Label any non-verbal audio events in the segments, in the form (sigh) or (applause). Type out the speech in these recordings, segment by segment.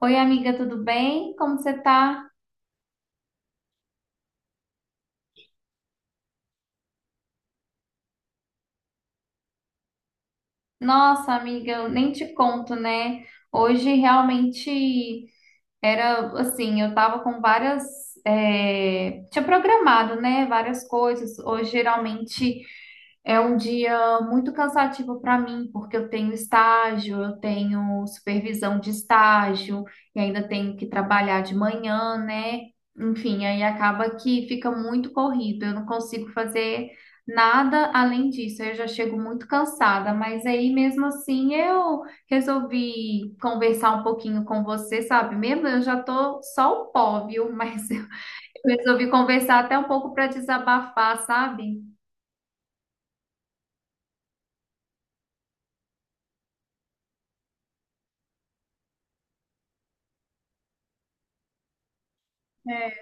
Oi, amiga, tudo bem? Como você tá? Nossa, amiga, eu nem te conto, né? Hoje realmente. Era assim, eu tava com várias. Tinha programado, né? Várias coisas. Hoje, geralmente, é um dia muito cansativo para mim, porque eu tenho estágio, eu tenho supervisão de estágio, e ainda tenho que trabalhar de manhã, né? Enfim, aí acaba que fica muito corrido. Eu não consigo fazer nada além disso. Eu já chego muito cansada, mas aí mesmo assim eu resolvi conversar um pouquinho com você, sabe? Mesmo eu já tô só o pó, viu? Mas (laughs) eu resolvi conversar até um pouco para desabafar, sabe? É.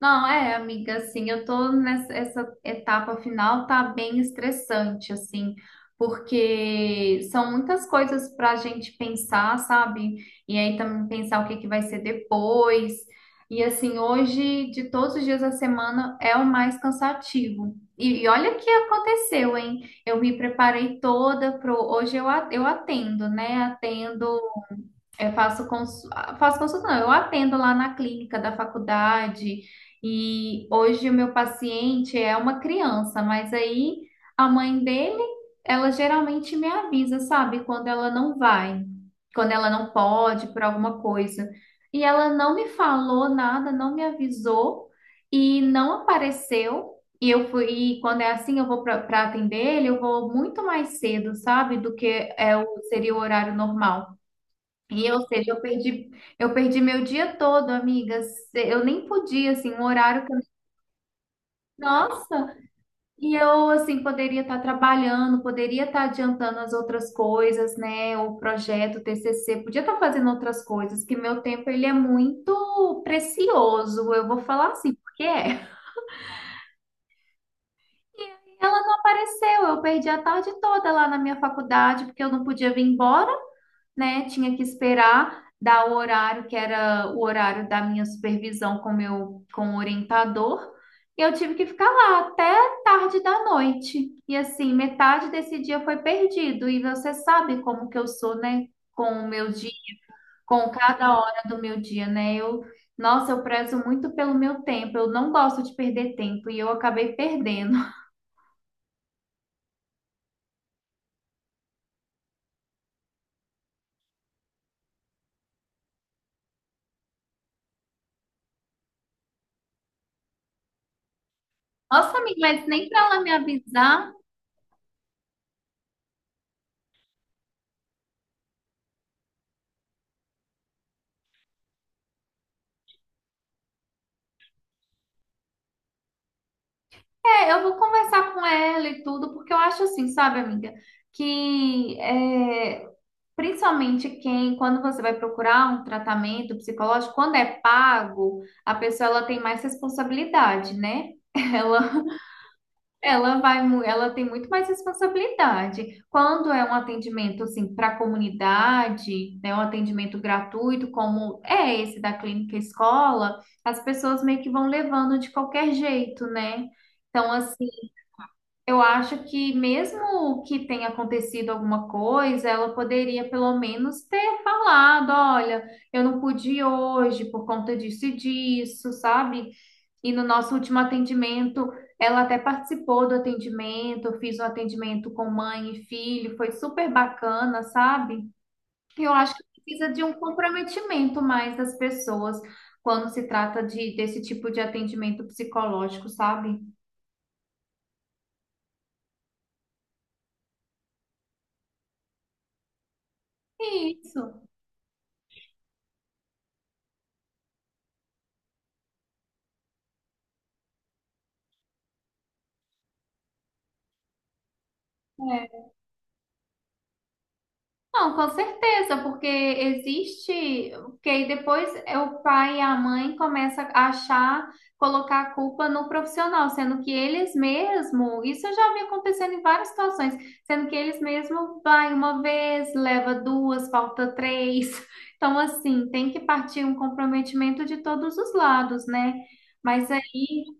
Não, é, amiga, assim, eu tô nessa essa etapa final, tá bem estressante, assim, porque são muitas coisas pra gente pensar, sabe? E aí também pensar o que que vai ser depois. E assim, hoje, de todos os dias da semana, é o mais cansativo. E, olha o que aconteceu, hein? Eu me preparei toda pro. Hoje eu, eu atendo, né? Atendo, eu faço, cons... faço consulta, não, eu atendo lá na clínica da faculdade e hoje o meu paciente é uma criança, mas aí a mãe dele, ela geralmente me avisa, sabe, quando ela não vai, quando ela não pode por alguma coisa. E ela não me falou nada, não me avisou e não apareceu. E eu fui, e quando é assim, eu vou para atender ele, eu vou muito mais cedo, sabe, do que é o, seria o horário normal. E, ou seja, eu perdi meu dia todo, amigas. Eu nem podia, assim, um horário que eu... Nossa! E eu, assim, poderia estar trabalhando, poderia estar adiantando as outras coisas, né? O projeto, o TCC, podia estar fazendo outras coisas, que meu tempo, ele é muito precioso. Eu vou falar assim, porque é. E ela não apareceu. Eu perdi a tarde toda lá na minha faculdade, porque eu não podia vir embora, né? Tinha que esperar dar o horário, que era o horário da minha supervisão com o orientador. E eu tive que ficar lá até tarde da noite. E assim, metade desse dia foi perdido. E você sabe como que eu sou, né? Com o meu dia, com cada hora do meu dia, né? Eu, nossa, eu prezo muito pelo meu tempo. Eu não gosto de perder tempo e eu acabei perdendo. Nossa, amiga, mas nem para ela me avisar. É, eu vou conversar com ela e tudo, porque eu acho assim, sabe, amiga, que é, principalmente quem, quando você vai procurar um tratamento psicológico, quando é pago, a pessoa ela tem mais responsabilidade, né? (laughs) Ela Ela vai, ela tem muito mais responsabilidade. Quando é um atendimento assim para a comunidade, né, um atendimento gratuito, como é esse da clínica escola, as pessoas meio que vão levando de qualquer jeito, né? Então, assim, eu acho que mesmo que tenha acontecido alguma coisa, ela poderia pelo menos ter falado, olha, eu não pude ir hoje por conta disso e disso, sabe? E no nosso último atendimento, ela até participou do atendimento, eu fiz um atendimento com mãe e filho, foi super bacana, sabe? Eu acho que precisa de um comprometimento mais das pessoas quando se trata desse tipo de atendimento psicológico, sabe? Isso. É. Não, com certeza, porque existe, porque aí depois é o pai e a mãe começa a achar, colocar a culpa no profissional, sendo que eles mesmo, isso eu já vi acontecendo em várias situações, sendo que eles mesmo vai uma vez, leva duas, falta três. (laughs) Então, assim, tem que partir um comprometimento de todos os lados, né? Mas aí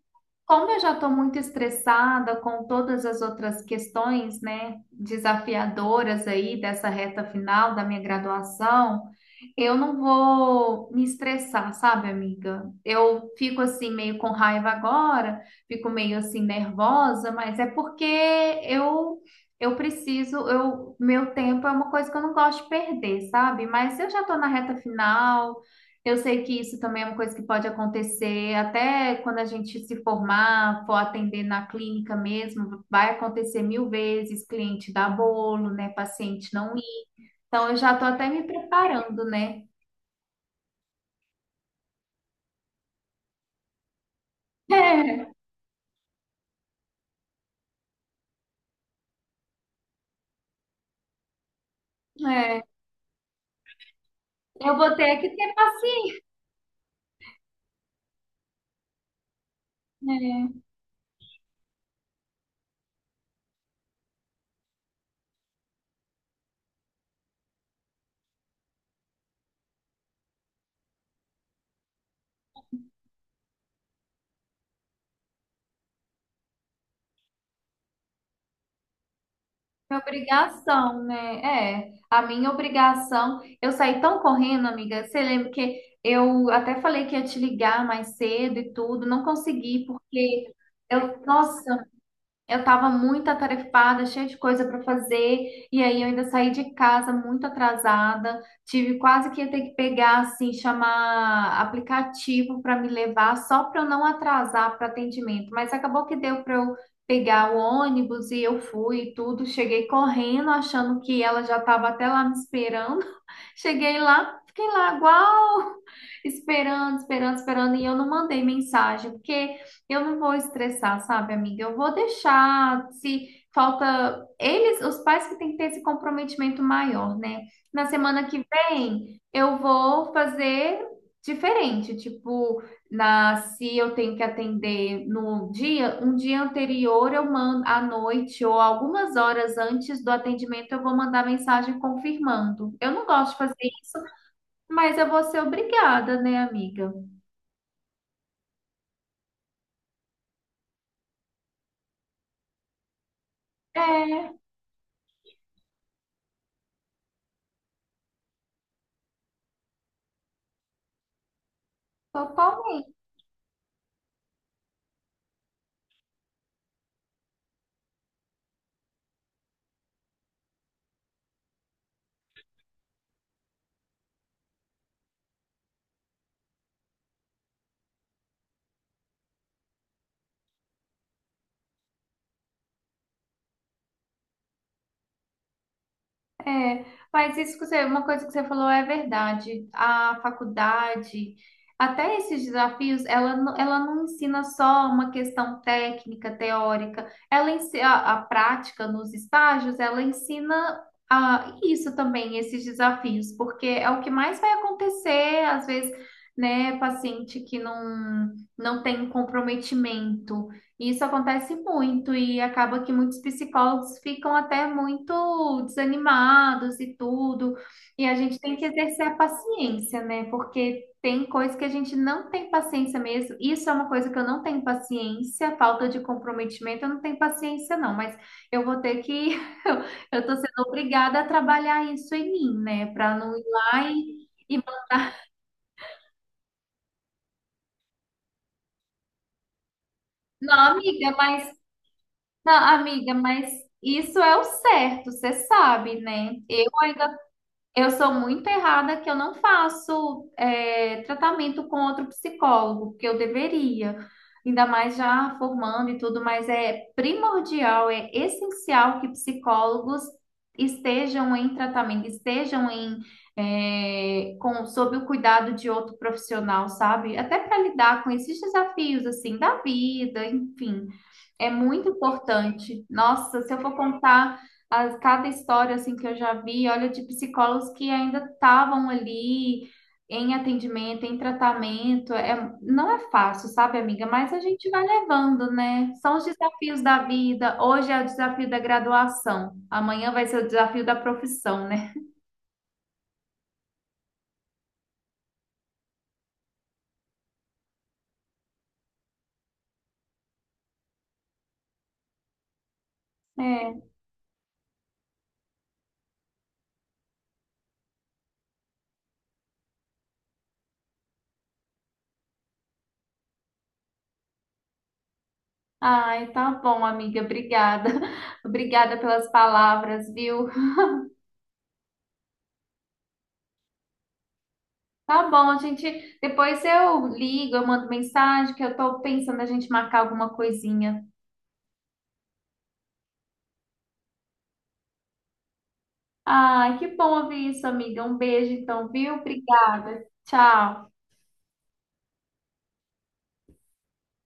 como eu já estou muito estressada com todas as outras questões, né, desafiadoras aí dessa reta final da minha graduação, eu não vou me estressar, sabe, amiga? Eu fico assim meio com raiva agora, fico meio assim nervosa, mas é porque eu eu preciso, eu meu tempo é uma coisa que eu não gosto de perder, sabe? Mas eu já estou na reta final. Eu sei que isso também é uma coisa que pode acontecer, até quando a gente se formar, for atender na clínica mesmo, vai acontecer 1.000 vezes, cliente dá bolo, né? Paciente não ir. Então eu já tô até me preparando, né? (laughs) É, é. Eu vou ter que ter paciência, né? Minha obrigação, né? É, a minha obrigação. Eu saí tão correndo, amiga. Você lembra que eu até falei que ia te ligar mais cedo e tudo, não consegui, porque eu, nossa, eu estava muito atarefada, cheia de coisa para fazer, e aí eu ainda saí de casa muito atrasada. Tive quase que ia ter que pegar, assim, chamar aplicativo para me levar, só para eu não atrasar para atendimento. Mas acabou que deu para eu pegar o ônibus e eu fui e tudo. Cheguei correndo, achando que ela já estava até lá me esperando. (laughs) Cheguei lá, fiquei lá, igual esperando, esperando, esperando, e eu não mandei mensagem, porque eu não vou estressar, sabe, amiga? Eu vou deixar, se falta eles, os pais que têm que ter esse comprometimento maior, né? Na semana que vem eu vou fazer diferente, tipo, na se eu tenho que atender no dia, um dia anterior eu mando à noite ou algumas horas antes do atendimento eu vou mandar mensagem confirmando. Eu não gosto de fazer isso. Mas eu vou ser obrigada, né, amiga? É, totalmente. É, mas isso que você, uma coisa que você falou é verdade. A faculdade, até esses desafios, ela não ensina só uma questão técnica, teórica. Ela ensina a prática nos estágios, ela ensina isso também, esses desafios, porque é o que mais vai acontecer, às vezes, né, paciente que não tem comprometimento. E isso acontece muito e acaba que muitos psicólogos ficam até muito desanimados e tudo. E a gente tem que exercer a paciência, né? Porque tem coisa que a gente não tem paciência mesmo. Isso é uma coisa que eu não tenho paciência, falta de comprometimento, eu não tenho paciência não, mas eu vou ter que (laughs) eu eu tô sendo obrigada a trabalhar isso em mim, né? Para não ir lá e não, amiga, mas isso é o certo, você sabe, né? Eu sou muito errada que eu não faço é, tratamento com outro psicólogo, porque eu deveria, ainda mais já formando e tudo, mas é primordial, é essencial que psicólogos estejam em tratamento, estejam em é, com, sob o cuidado de outro profissional, sabe? Até para lidar com esses desafios assim da vida, enfim, é muito importante. Nossa, se eu for contar cada história assim que eu já vi, olha, de psicólogos que ainda estavam ali em atendimento, em tratamento, é, não é fácil, sabe, amiga? Mas a gente vai levando, né? São os desafios da vida. Hoje é o desafio da graduação, amanhã vai ser o desafio da profissão, né? É. Ai, tá bom, amiga, obrigada. (laughs) Obrigada pelas palavras, viu? Tá bom, a gente. Depois eu ligo, eu mando mensagem, que eu tô pensando a gente marcar alguma coisinha. Ai, que bom ouvir isso, amiga. Um beijo, então, viu? Obrigada. Tchau.